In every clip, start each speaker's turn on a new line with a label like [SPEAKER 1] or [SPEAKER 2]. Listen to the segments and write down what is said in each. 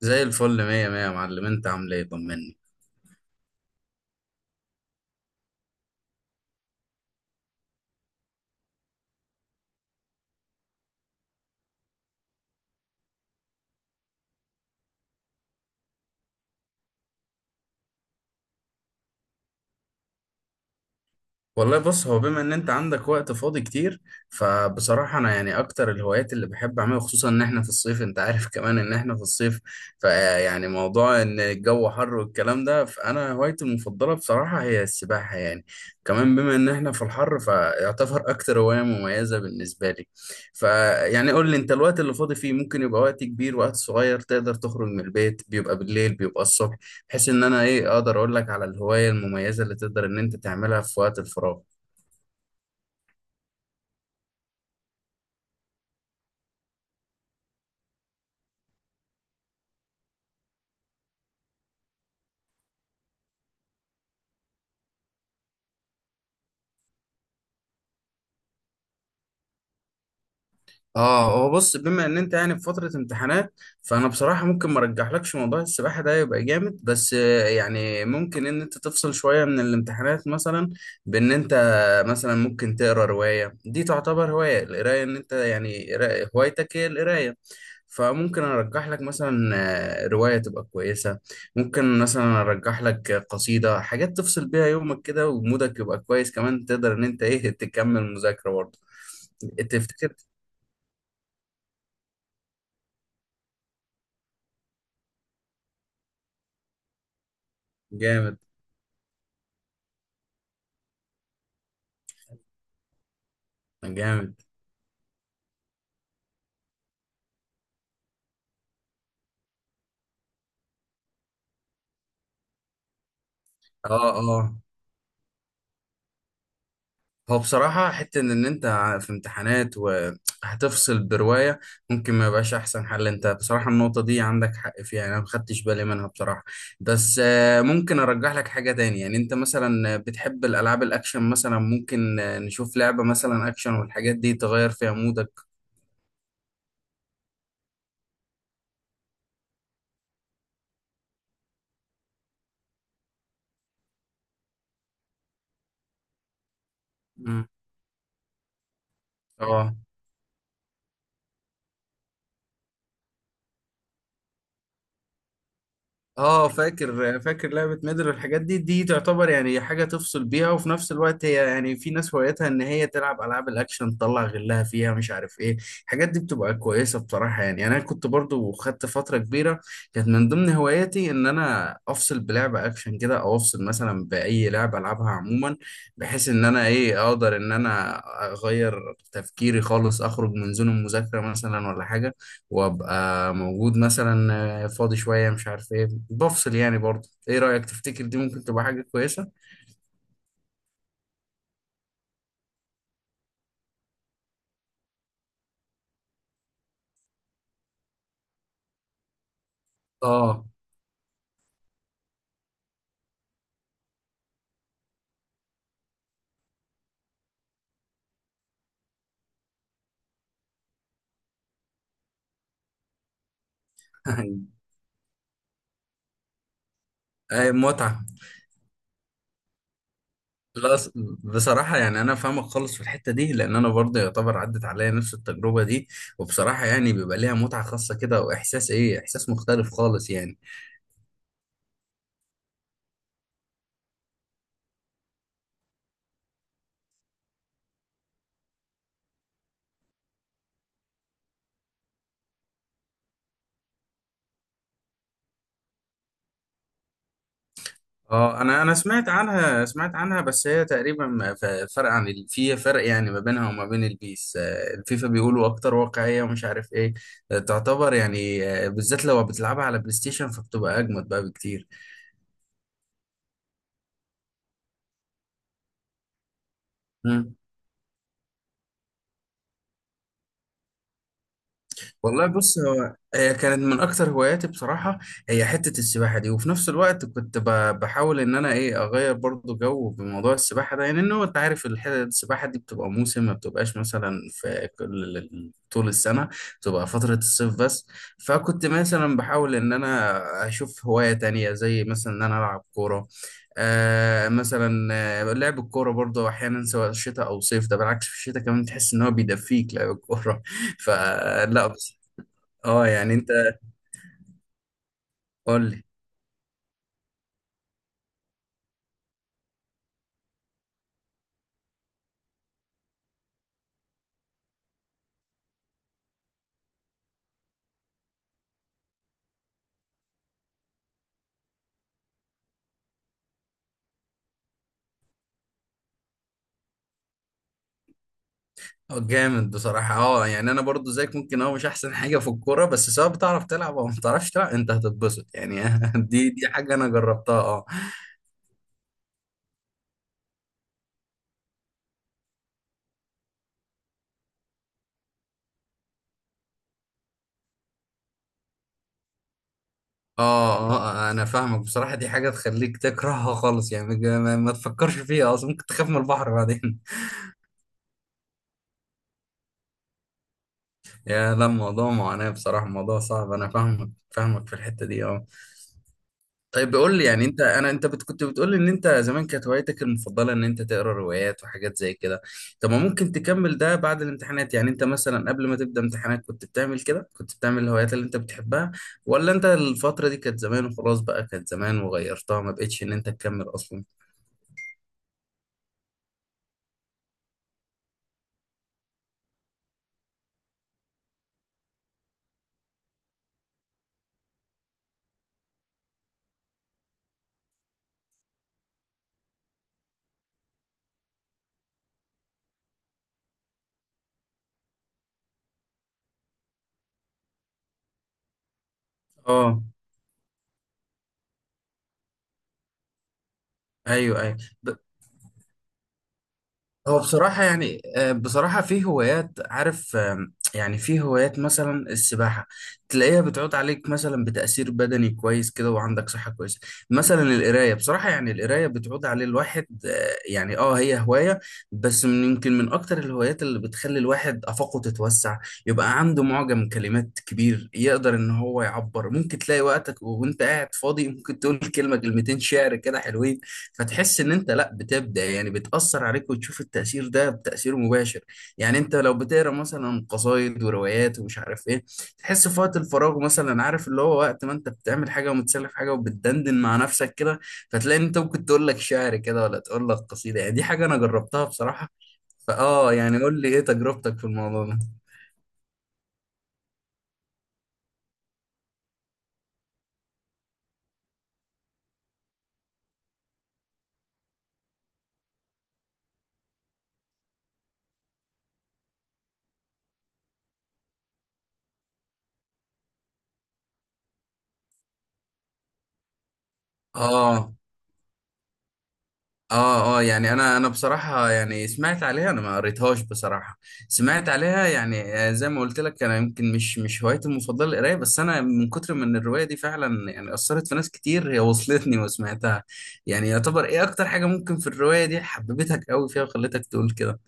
[SPEAKER 1] زي الفل، مية مية يا معلم. انت عامل ايه؟ طمني. والله بص، هو بما ان انت عندك وقت فاضي كتير، فبصراحة انا يعني اكتر الهوايات اللي بحب اعملها خصوصا ان احنا في الصيف، انت عارف كمان ان احنا في الصيف. فيعني موضوع ان الجو حر والكلام ده، فانا هوايتي المفضلة بصراحة هي السباحة يعني. كمان بما ان احنا في الحر، فيعتبر اكتر هواية مميزة بالنسبة لي. فيعني قول لي انت، الوقت اللي فاضي فيه ممكن يبقى وقت كبير وقت صغير؟ تقدر تخرج من البيت؟ بيبقى بالليل بيبقى الصبح؟ بحيث ان انا ايه اقدر اقول لك على الهواية المميزة اللي تقدر ان انت تعملها في وقت الفراغ. اه، هو بص، بما ان انت يعني في فترة امتحانات، فانا بصراحة ممكن ما ارجحلكش موضوع السباحة ده يبقى جامد. بس يعني ممكن ان انت تفصل شوية من الامتحانات مثلا، بان انت مثلا ممكن تقرا رواية. دي تعتبر هواية القراية، ان انت يعني هوايتك هي القراية. فممكن ارجح لك مثلا رواية تبقى كويسة. ممكن مثلا ارجح لك قصيدة، حاجات تفصل بيها يومك كده ومودك يبقى كويس، كمان تقدر ان انت ايه تكمل مذاكرة برضه. تفتكر؟ جامد. جامد. اه، اه. هو بصراحة حتة ان انت في امتحانات وهتفصل برواية، ممكن ما يبقاش احسن حل. انت بصراحة النقطة دي عندك حق فيها، انا ما خدتش بالي منها بصراحة. بس ممكن ارجح لك حاجة تاني. يعني انت مثلا بتحب الالعاب الاكشن، مثلا ممكن نشوف لعبة مثلا اكشن والحاجات دي تغير فيها مودك. مم. اه، اه. فاكر، فاكر لعبة ميدل والحاجات دي تعتبر يعني حاجة تفصل بيها، وفي نفس الوقت هي يعني في ناس هوايتها ان هي تلعب العاب الاكشن، تطلع غلها فيها، مش عارف ايه. الحاجات دي بتبقى كويسة بصراحة يعني انا كنت برضو خدت فترة كبيرة، كانت من ضمن هواياتي ان انا افصل بلعبة اكشن كده، او افصل مثلا باي لعبة العبها عموما، بحيث ان انا ايه اقدر ان انا اغير تفكيري خالص، اخرج من زون المذاكرة مثلا ولا حاجة، وابقى موجود مثلا فاضي شويه، مش عارف ايه، بفصل يعني برضه. ايه رايك؟ تفتكر دي ممكن تبقى حاجه كويسه؟ اه. أي متعه! لا، بصراحه يعني انا فاهمك خالص في الحته دي، لان انا برضه يعتبر عدت عليا نفس التجربه دي. وبصراحه يعني بيبقى ليها متعه خاصه كده، واحساس ايه، احساس مختلف خالص يعني. اه، انا سمعت عنها، سمعت عنها. بس هي تقريبا فرق عن في فرق يعني ما بينها وما بين البيس. الفيفا بيقولوا اكتر واقعية، ومش عارف ايه. تعتبر يعني بالذات لو بتلعبها على بلاي ستيشن، فبتبقى اجمد بقى بكتير. والله بص، هو هي كانت من اكتر هواياتي بصراحه، هي حته السباحه دي. وفي نفس الوقت كنت بحاول ان انا ايه اغير برضو جو بموضوع السباحه ده، يعني انه انت عارف السباحه دي بتبقى موسم، ما بتبقاش مثلا في كل طول السنه، بتبقى فتره الصيف بس. فكنت مثلا بحاول ان انا اشوف هوايه تانية، زي مثلا ان انا العب كوره. آه مثلا لعب الكوره برضو احيانا سواء شتاء او صيف، ده بالعكس في الشتاء كمان تحس ان هو بيدفيك لعب الكوره. فلا. اه يعني انت، قول لي. اه، جامد بصراحة. اه يعني انا برضو زيك ممكن، اه مش احسن حاجة في الكورة، بس سواء بتعرف تلعب او ما بتعرفش تلعب انت هتتبسط يعني. دي حاجة انا جربتها، اه. اه، اه، انا فاهمك بصراحة. دي حاجة تخليك تكرهها خالص يعني، ما تفكرش فيها اصلا، ممكن تخاف من البحر بعدين. يا لا، الموضوع معاناة بصراحة، الموضوع صعب. انا فاهمك، فاهمك في الحتة دي، اه. طيب، بقول لي يعني. انت انا انت بت- كنت بتقول لي ان انت زمان كانت هوايتك المفضله ان انت تقرا روايات وحاجات زي كده. طب ما ممكن تكمل ده بعد الامتحانات؟ يعني انت مثلا قبل ما تبدا امتحانات كنت بتعمل كده، كنت بتعمل الهوايات اللي انت بتحبها؟ ولا انت الفتره دي كانت زمان وخلاص بقى، كانت زمان وغيرتها ما بقتش ان انت تكمل اصلا؟ اه، ايوه، ايوه. هو بصراحة يعني بصراحة في هوايات، عارف، يعني في هوايات مثلا السباحة تلاقيها بتعود عليك مثلا بتأثير بدني كويس كده، وعندك صحة كويسة. مثلا القراية بصراحة، يعني القراية بتعود عليه الواحد يعني اه هي هواية، بس من يمكن من أكتر الهوايات اللي بتخلي الواحد آفاقه تتوسع، يبقى عنده معجم كلمات كبير يقدر إن هو يعبر. ممكن تلاقي وقتك وأنت قاعد فاضي، ممكن تقول كلمة كلمتين شعر كده حلوين، فتحس ان انت، لا، بتبدا يعني بتاثر عليك وتشوف التاثير ده، بتاثير مباشر. يعني انت لو بتقرا مثلا قصايد وروايات ومش عارف ايه، تحس في وقت الفراغ مثلا. عارف اللي هو وقت ما انت بتعمل حاجه ومتسلى في حاجه وبتدندن مع نفسك كده، فتلاقي ان انت ممكن تقول لك شعر كده ولا تقول لك قصيده يعني. دي حاجه انا جربتها بصراحه. فاه يعني، قول لي ايه تجربتك في الموضوع ده؟ اه، اه، اه. يعني انا بصراحه يعني سمعت عليها، انا ما قريتهاش بصراحه. سمعت عليها يعني زي ما قلت لك انا يمكن مش هوايتي المفضله القرايه. بس انا من كتر من الروايه دي، فعلا يعني اثرت في ناس كتير، هي وصلتني وسمعتها. يعني يعتبر ايه اكتر حاجه ممكن في الروايه دي حببتك قوي فيها وخلتك تقول كده؟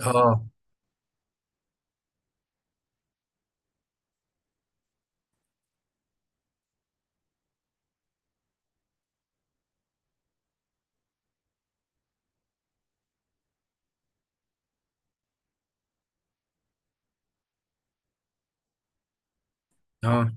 [SPEAKER 1] اه، اه،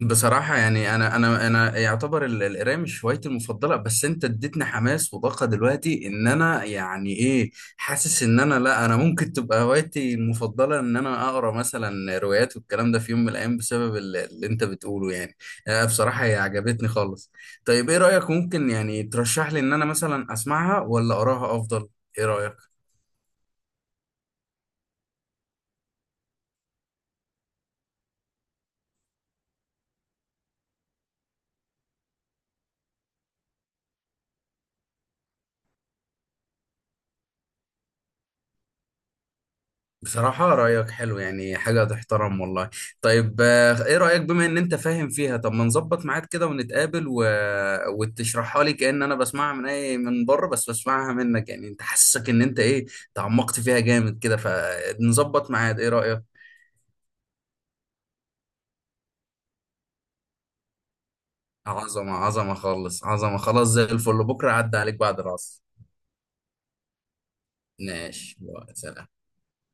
[SPEAKER 1] بصراحة يعني أنا يعتبر القراية مش هوايتي المفضلة، بس أنت اديتني حماس وطاقة دلوقتي إن أنا يعني إيه، حاسس إن أنا، لا، أنا ممكن تبقى هوايتي المفضلة إن أنا أقرأ مثلا روايات والكلام ده في يوم من الأيام، بسبب اللي أنت بتقوله يعني. بصراحة هي عجبتني خالص. طيب إيه رأيك، ممكن يعني ترشح لي إن أنا مثلا أسمعها ولا أقراها أفضل؟ إيه رأيك؟ بصراحة رأيك حلو، يعني حاجة تحترم والله. طيب ايه رأيك؟ بما ان انت فاهم فيها، طب ما نظبط ميعاد كده ونتقابل وتشرحها لي كأن انا بسمعها من اي من بره، بس بسمعها منك. يعني انت حاسسك ان انت ايه تعمقت فيها جامد كده، فنظبط ميعاد، ايه رأيك؟ عظمة، عظمة خالص، عظمة. خلاص، زي الفل. بكرة عدى عليك بعد العصر. ماشي. سلام.